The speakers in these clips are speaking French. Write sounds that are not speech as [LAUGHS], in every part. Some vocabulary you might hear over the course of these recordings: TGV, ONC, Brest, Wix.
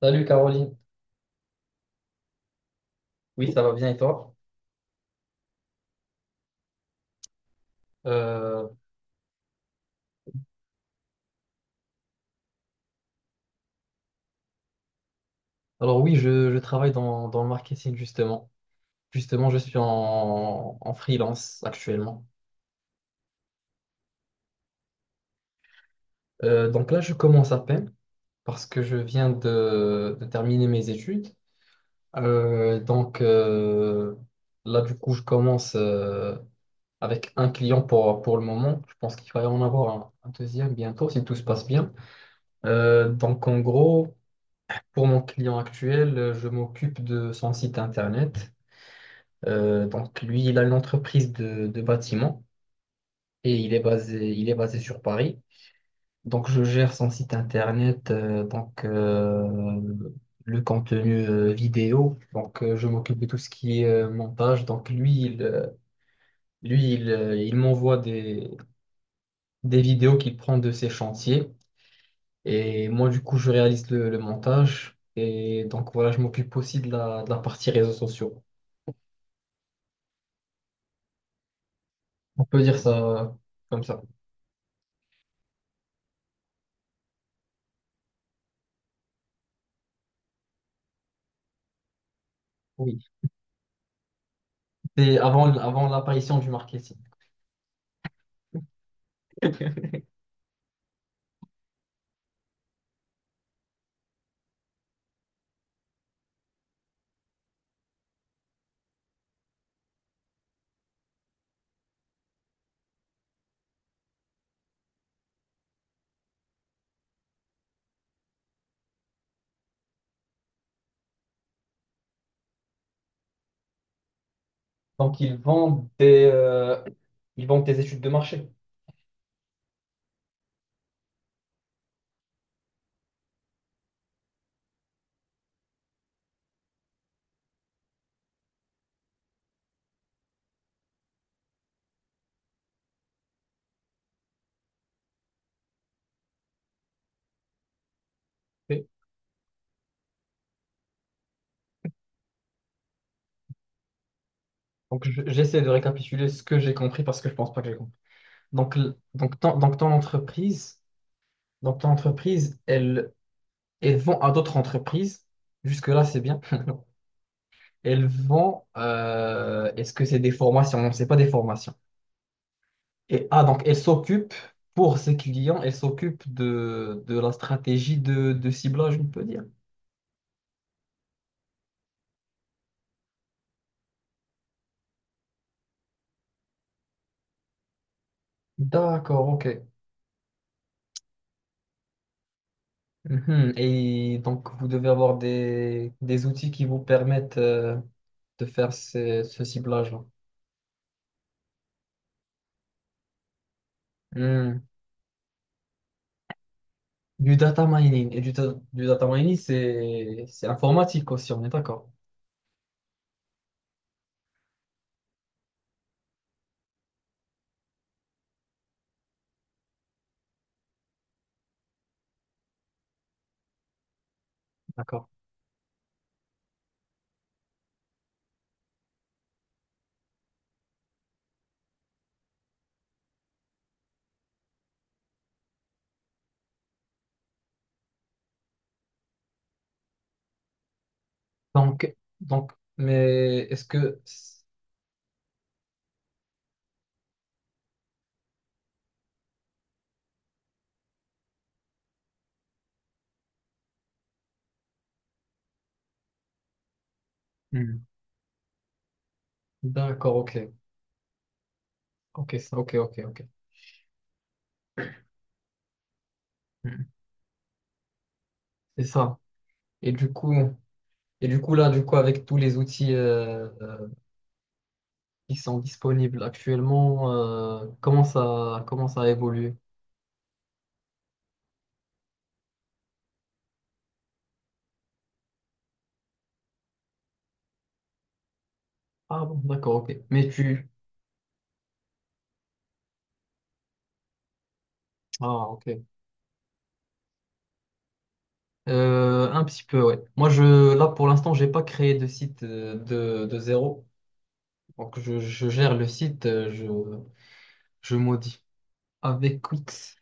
Salut Caroline, oui ça va bien et toi? Euh, alors oui, je travaille dans le marketing justement. Justement, je suis en freelance actuellement. Donc là, je commence à peine parce que je viens de terminer mes études. Euh, donc euh, Là, du coup, je commence avec un client pour le moment. Je pense qu'il va y en avoir un deuxième bientôt si tout se passe bien. Donc en gros, pour mon client actuel, je m'occupe de son site internet. Donc lui, il a une entreprise de bâtiment et il est basé sur Paris. Donc je gère son site internet, le contenu vidéo. Je m'occupe de tout ce qui est montage. Donc il m'envoie des vidéos qu'il prend de ses chantiers et moi du coup je réalise le montage. Et donc voilà, je m'occupe aussi de de la partie réseaux sociaux. On peut dire ça comme ça. Oui. C'est avant l'apparition du marketing. Donc, ils vendent ils vendent des études de marché. Ok. Donc, j'essaie de récapituler ce que j'ai compris parce que je pense pas que j'ai compris. Donc, l- donc, ton, donc ton entreprise, donc ton entreprise, elle, elle vend à d'autres entreprises. Jusque-là, c'est bien. [LAUGHS] Elles vont, est-ce que c'est des formations? Non, c'est pas des formations. Et ah, donc elles s'occupent, pour ses clients, elles s'occupent de la stratégie de ciblage, on peut dire. D'accord, ok. Mhm. Et donc vous devez avoir des outils qui vous permettent de faire ce ciblage-là. Hmm. Du data mining. Et du data mining, c'est informatique aussi, on est d'accord. D'accord. Donc, donc, mais est-ce que... Hmm. D'accord, ok. Ok, ok, ok. Mhm. C'est ça. Et du coup, et du coup là, du coup, avec tous les outils qui sont disponibles actuellement, comment ça a évolué? Ah bon, d'accord, ok. Mais tu, ah ok. Un petit peu, ouais. Moi, pour l'instant, j'ai pas créé de site de zéro. Donc, je gère le site, je modifie avec Wix.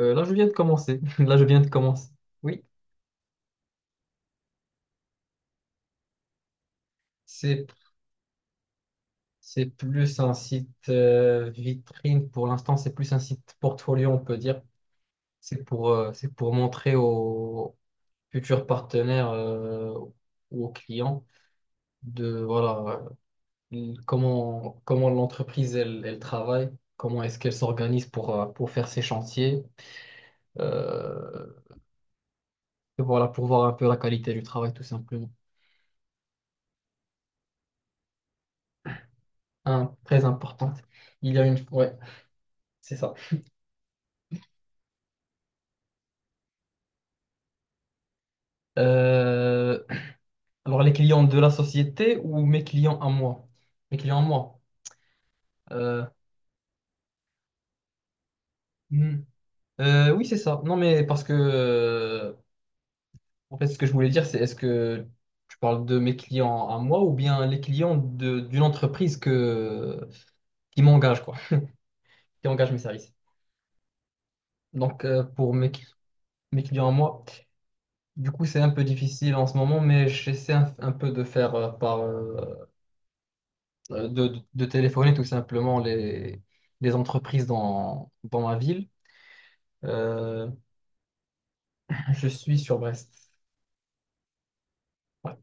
Là, je viens de commencer. [LAUGHS] Là, je viens de commencer. Oui. C'est C'est plus un site vitrine pour l'instant, c'est plus un site portfolio, on peut dire. C'est c'est pour montrer aux futurs partenaires ou aux clients de voilà comment l'entreprise elle, elle travaille, comment est-ce qu'elle s'organise pour faire ses chantiers, euh, et voilà, pour voir un peu la qualité du travail tout simplement. Un, très importante. Il y a une. Ouais, c'est ça. Euh, Alors, les clients de la société ou mes clients à moi? Mes clients à moi. Euh, hmm. Oui, c'est ça. Non, mais parce que, en fait, ce que je voulais dire, c'est est-ce que tu parles de mes clients à moi ou bien les clients d'une entreprise que, qui m'engage, quoi, qui engage mes services. Donc, pour mes clients à moi, du coup, c'est un peu difficile en ce moment, mais j'essaie un peu de faire de téléphoner tout simplement les entreprises dans ma ville. Euh, je suis sur Brest. Ouais.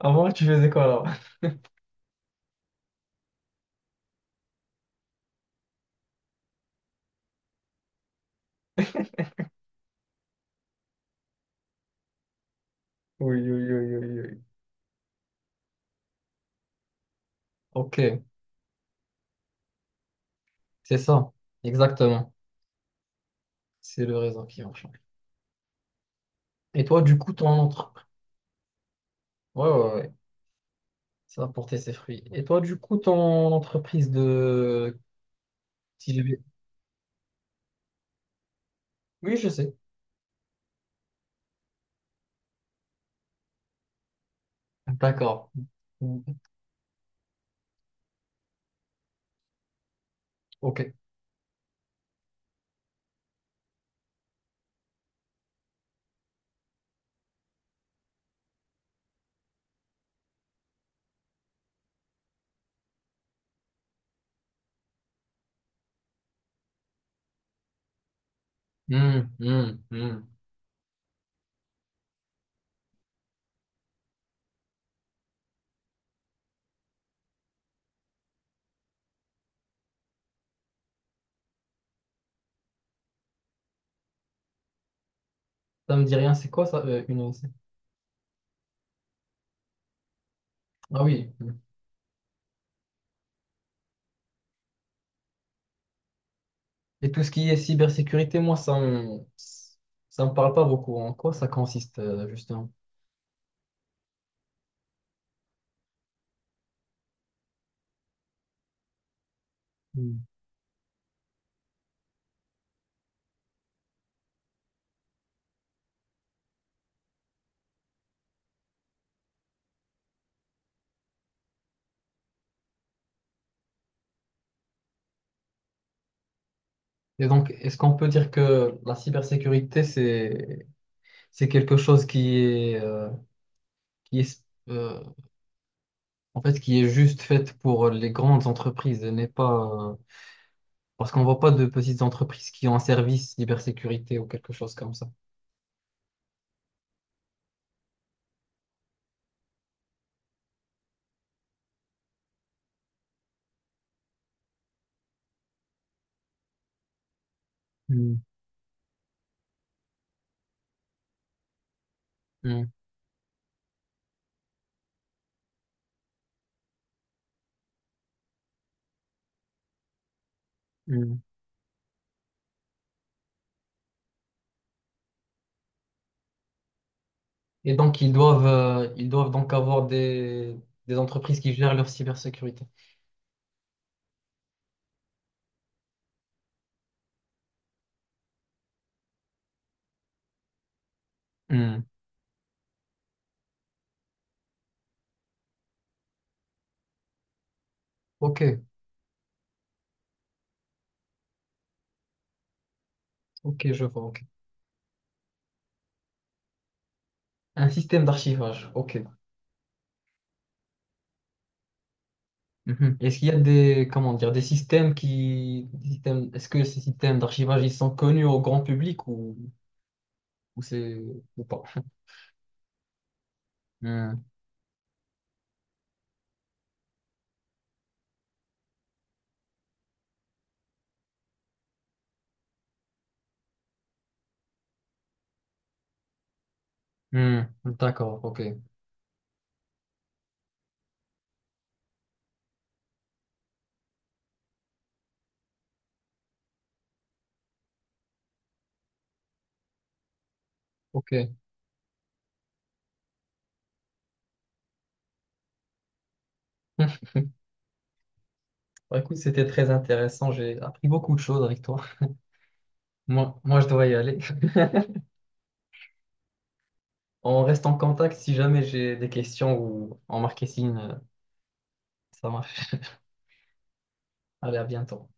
Avant, tu faisais quoi là? Oui, oui, oui, oui, oui. Ok, c'est ça. Exactement. C'est le raisin qui en change. Et toi, du coup, ton entreprise. Ouais, ouais, ouais. Ça va porter ses fruits. Et toi, du coup, ton entreprise de TGV. Oui, je sais. D'accord. Mm. Ok. Hmm, hmm, hmm. Ça me dit rien, c'est quoi ça, une ONC? Ah oui. Hmm. Et tout ce qui est cybersécurité, moi, ça me parle pas beaucoup. En quoi ça consiste, justement? Et donc, est-ce qu'on peut dire que la cybersécurité, c'est quelque chose qui est, euh, en fait, qui est juste faite pour les grandes entreprises et n'est pas, parce qu'on voit pas de petites entreprises qui ont un service cybersécurité ou quelque chose comme ça. Hmm. Mm, mm. Et donc, ils doivent donc avoir des entreprises qui gèrent leur cybersécurité. Mm. Ok, ok, je vois. Ok. Un système d'archivage. Ok. Mhm. Est-ce qu'il y a des, comment dire, des systèmes qui, des systèmes- est-ce que ces systèmes d'archivage, ils sont connus au grand public ou c'est, ou pas? Hmm. Hmm. D'accord, ok, ok. [LAUGHS] Bah, écoute, c'était très intéressant. J'ai appris beaucoup de choses avec toi. Moi, je dois y aller. [LAUGHS] On reste en contact si jamais j'ai des questions ou en marketing, ça marche. Allez, à bientôt.